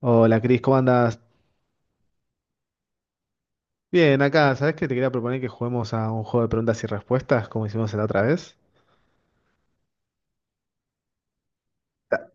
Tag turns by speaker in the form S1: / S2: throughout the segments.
S1: Hola Cris, ¿cómo andás? Bien, acá, ¿sabés que te quería proponer que juguemos a un juego de preguntas y respuestas como hicimos la otra vez? Ta-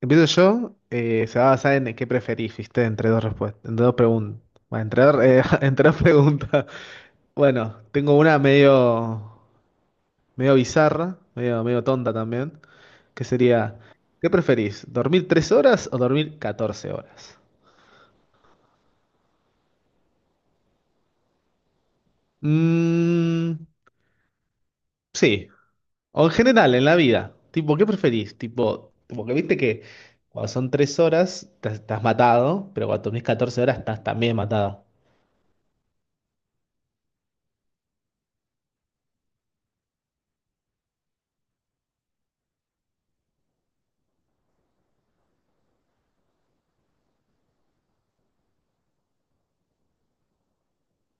S1: Empiezo yo, se va a basar en qué preferís, ¿viste? Entre dos preguntas. Entre, dos Entre dos preguntas. Bueno, tengo una medio bizarra, medio tonta también, que sería, ¿qué preferís? ¿Dormir 3 horas o dormir 14 horas? Mmm, sí. O en general, en la vida. Tipo, ¿qué preferís? Tipo, porque viste que cuando son 3 horas estás matado, pero cuando dormís 14 horas estás también matado.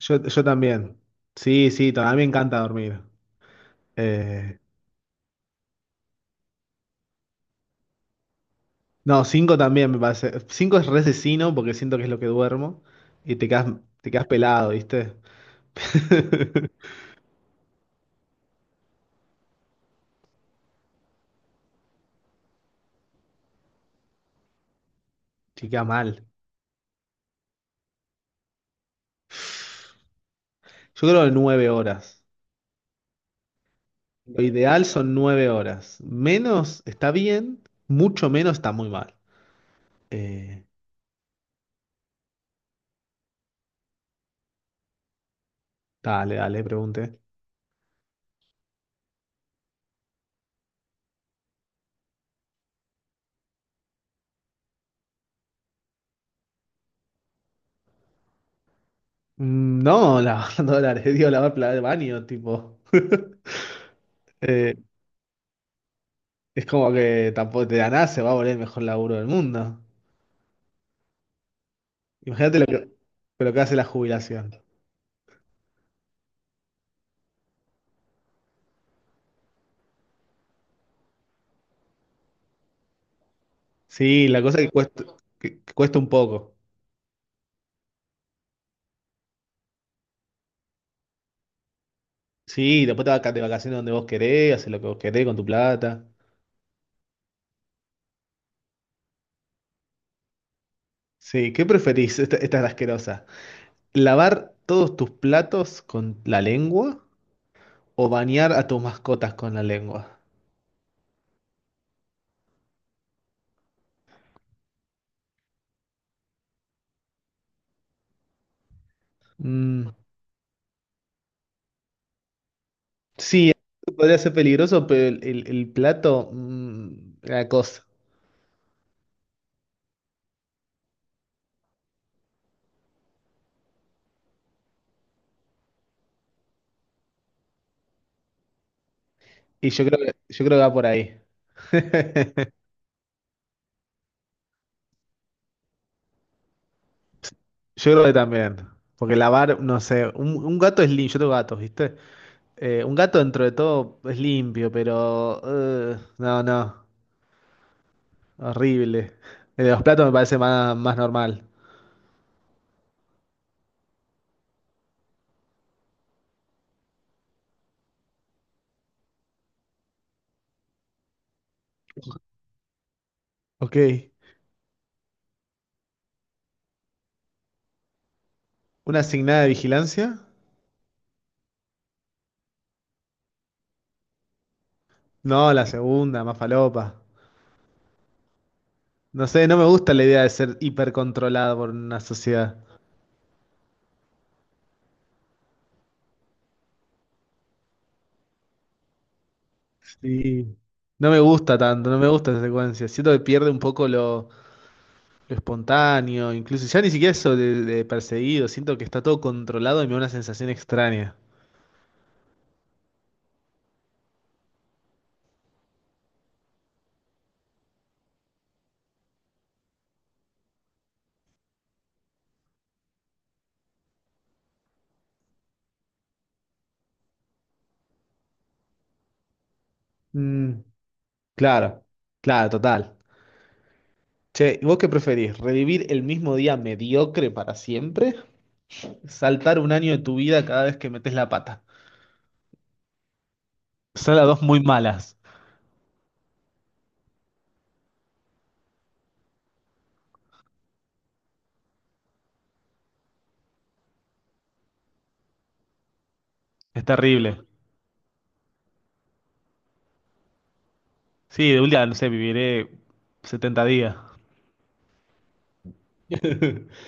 S1: Yo también. Sí, sí, también me encanta dormir. Eh, no, cinco también me parece. Cinco es resesino porque siento que es lo que duermo y te quedas pelado, ¿viste? Te queda mal. Yo creo que 9 horas. Lo ideal son 9 horas. Menos está bien, mucho menos está muy mal. Eh, Dale, dale, pregunte. No, lavar dólares, digo, lavar plata de baño, tipo. Eh, es como que tampoco te da nada, se va a volver el mejor laburo del mundo. Imagínate lo que hace la jubilación. Sí, la cosa que cuesta, que cuesta un poco. Sí, después te vas de vacaciones donde vos querés, haces lo que vos querés con tu plata. Sí, ¿qué preferís? Esta es la asquerosa. ¿Lavar todos tus platos con la lengua o bañar a tus mascotas con la lengua? Mm, Sí, podría ser peligroso, pero el plato, la cosa. Y yo creo que va por ahí. Yo creo que también. Porque lavar, no sé, un gato es limpio, yo tengo gatos, ¿viste? Un gato dentro de todo es limpio, pero. No, no, horrible. El de los platos me parece más normal. Ok. ¿Una asignada de vigilancia? No, la segunda, más falopa. No sé, no me gusta la idea de ser hipercontrolado por una sociedad. Sí. No me gusta tanto, no me gusta esa secuencia. Siento que pierde un poco lo espontáneo, incluso ya ni siquiera eso de perseguido. Siento que está todo controlado y me da una sensación extraña. Mm, claro, claro, total. Che, ¿vos qué preferís? ¿Revivir el mismo día mediocre para siempre? ¿Saltar un año de tu vida cada vez que metes la pata? Son las dos muy malas. Es terrible. Sí, de un día, no sé, viviré 70 días.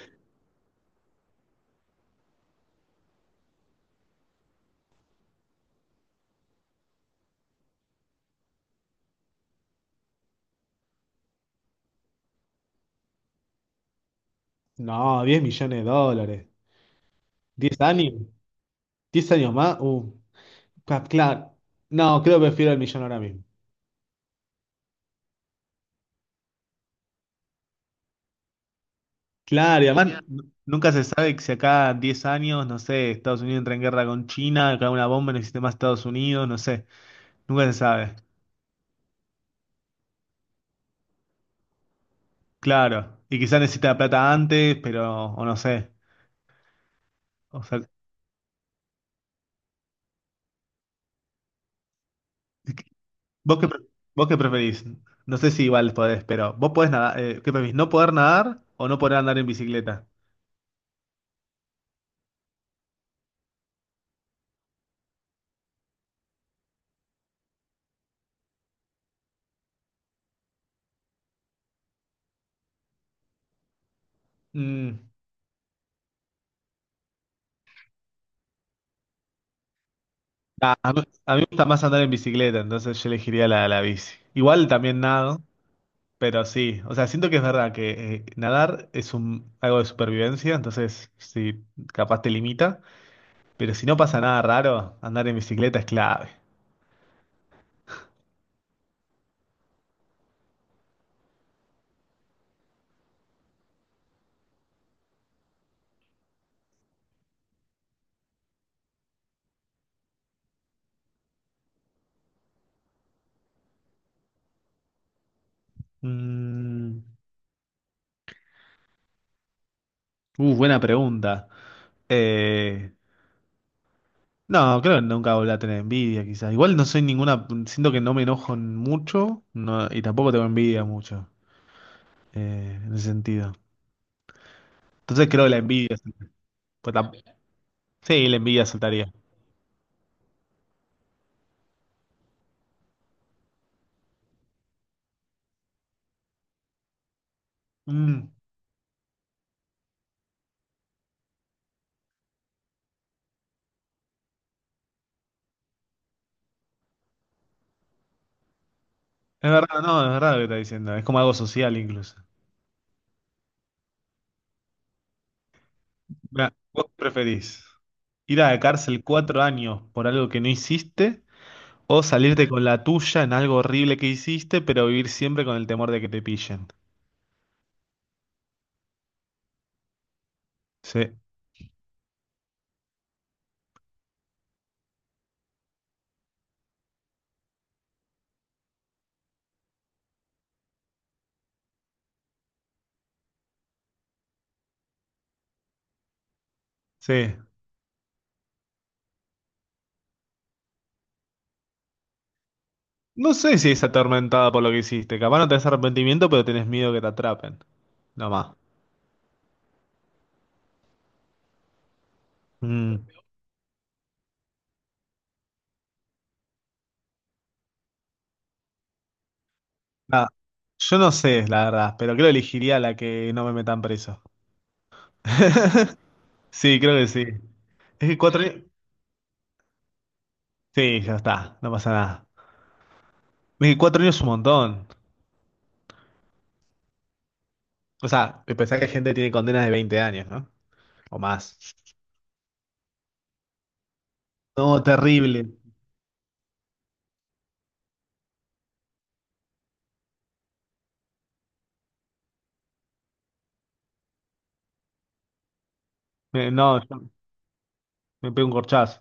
S1: No, 10 millones de dólares. ¿10 años? ¿10 años más? Claro. No, creo que prefiero el millón ahora mismo. Claro, y además nunca se sabe que si acá 10 años, no sé, Estados Unidos entra en guerra con China, cae una bomba en el sistema de Estados Unidos, no sé, nunca se sabe. Claro, y quizás necesita la plata antes, pero, o no sé. O sea, ¿vos qué, pre- vos qué preferís? No sé si igual podés, pero vos podés nadar, ¿qué preferís? ¿No poder nadar o no poder andar en bicicleta? Mm, nah, a mí me gusta más andar en bicicleta, entonces yo elegiría la bici. Igual también nado. Pero sí, o sea, siento que es verdad que nadar es algo de supervivencia, entonces sí, capaz te limita, pero si no pasa nada raro, andar en bicicleta es clave. Mm, buena pregunta. Eh, no, creo que nunca volví a tener envidia, quizás. Igual no soy ninguna, siento que no me enojo mucho, no, y tampoco tengo envidia mucho, en ese sentido. Entonces creo que la envidia, pues, sí, la envidia saltaría. Mm, es verdad, no, es verdad lo que está diciendo, es como algo social incluso. Mirá, ¿vos qué preferís? ¿Ir a la cárcel 4 años por algo que no hiciste? ¿O salirte con la tuya en algo horrible que hiciste, pero vivir siempre con el temor de que te pillen? Sí, sí. No sé si es atormentada por lo que hiciste. Capaz no tenés arrepentimiento, pero tenés miedo que te atrapen. No más. Mm. Nada. Yo no sé, la verdad, pero creo que elegiría la que no me metan preso. Sí, creo que sí. Es que 4 años. Sí, ya está, no pasa nada. Es que cuatro años es un montón. O sea, pensar que gente tiene condenas de 20 años, ¿no? O más. No, terrible. No, yo me pego un corchazo.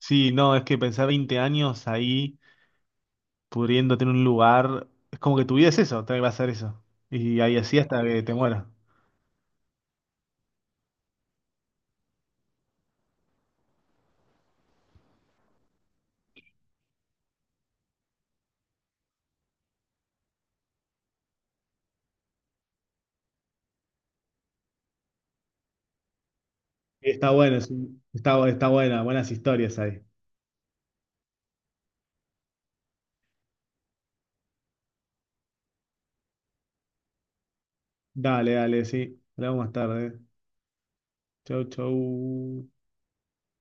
S1: Sí, no, es que pensar 20 años ahí pudriéndote en un lugar, es como que tu vida es eso, te va a hacer eso. Y ahí así hasta que te mueras. Está bueno, está buena, buenas historias ahí. Dale, dale, sí. Hablamos más tarde. Chau, chau.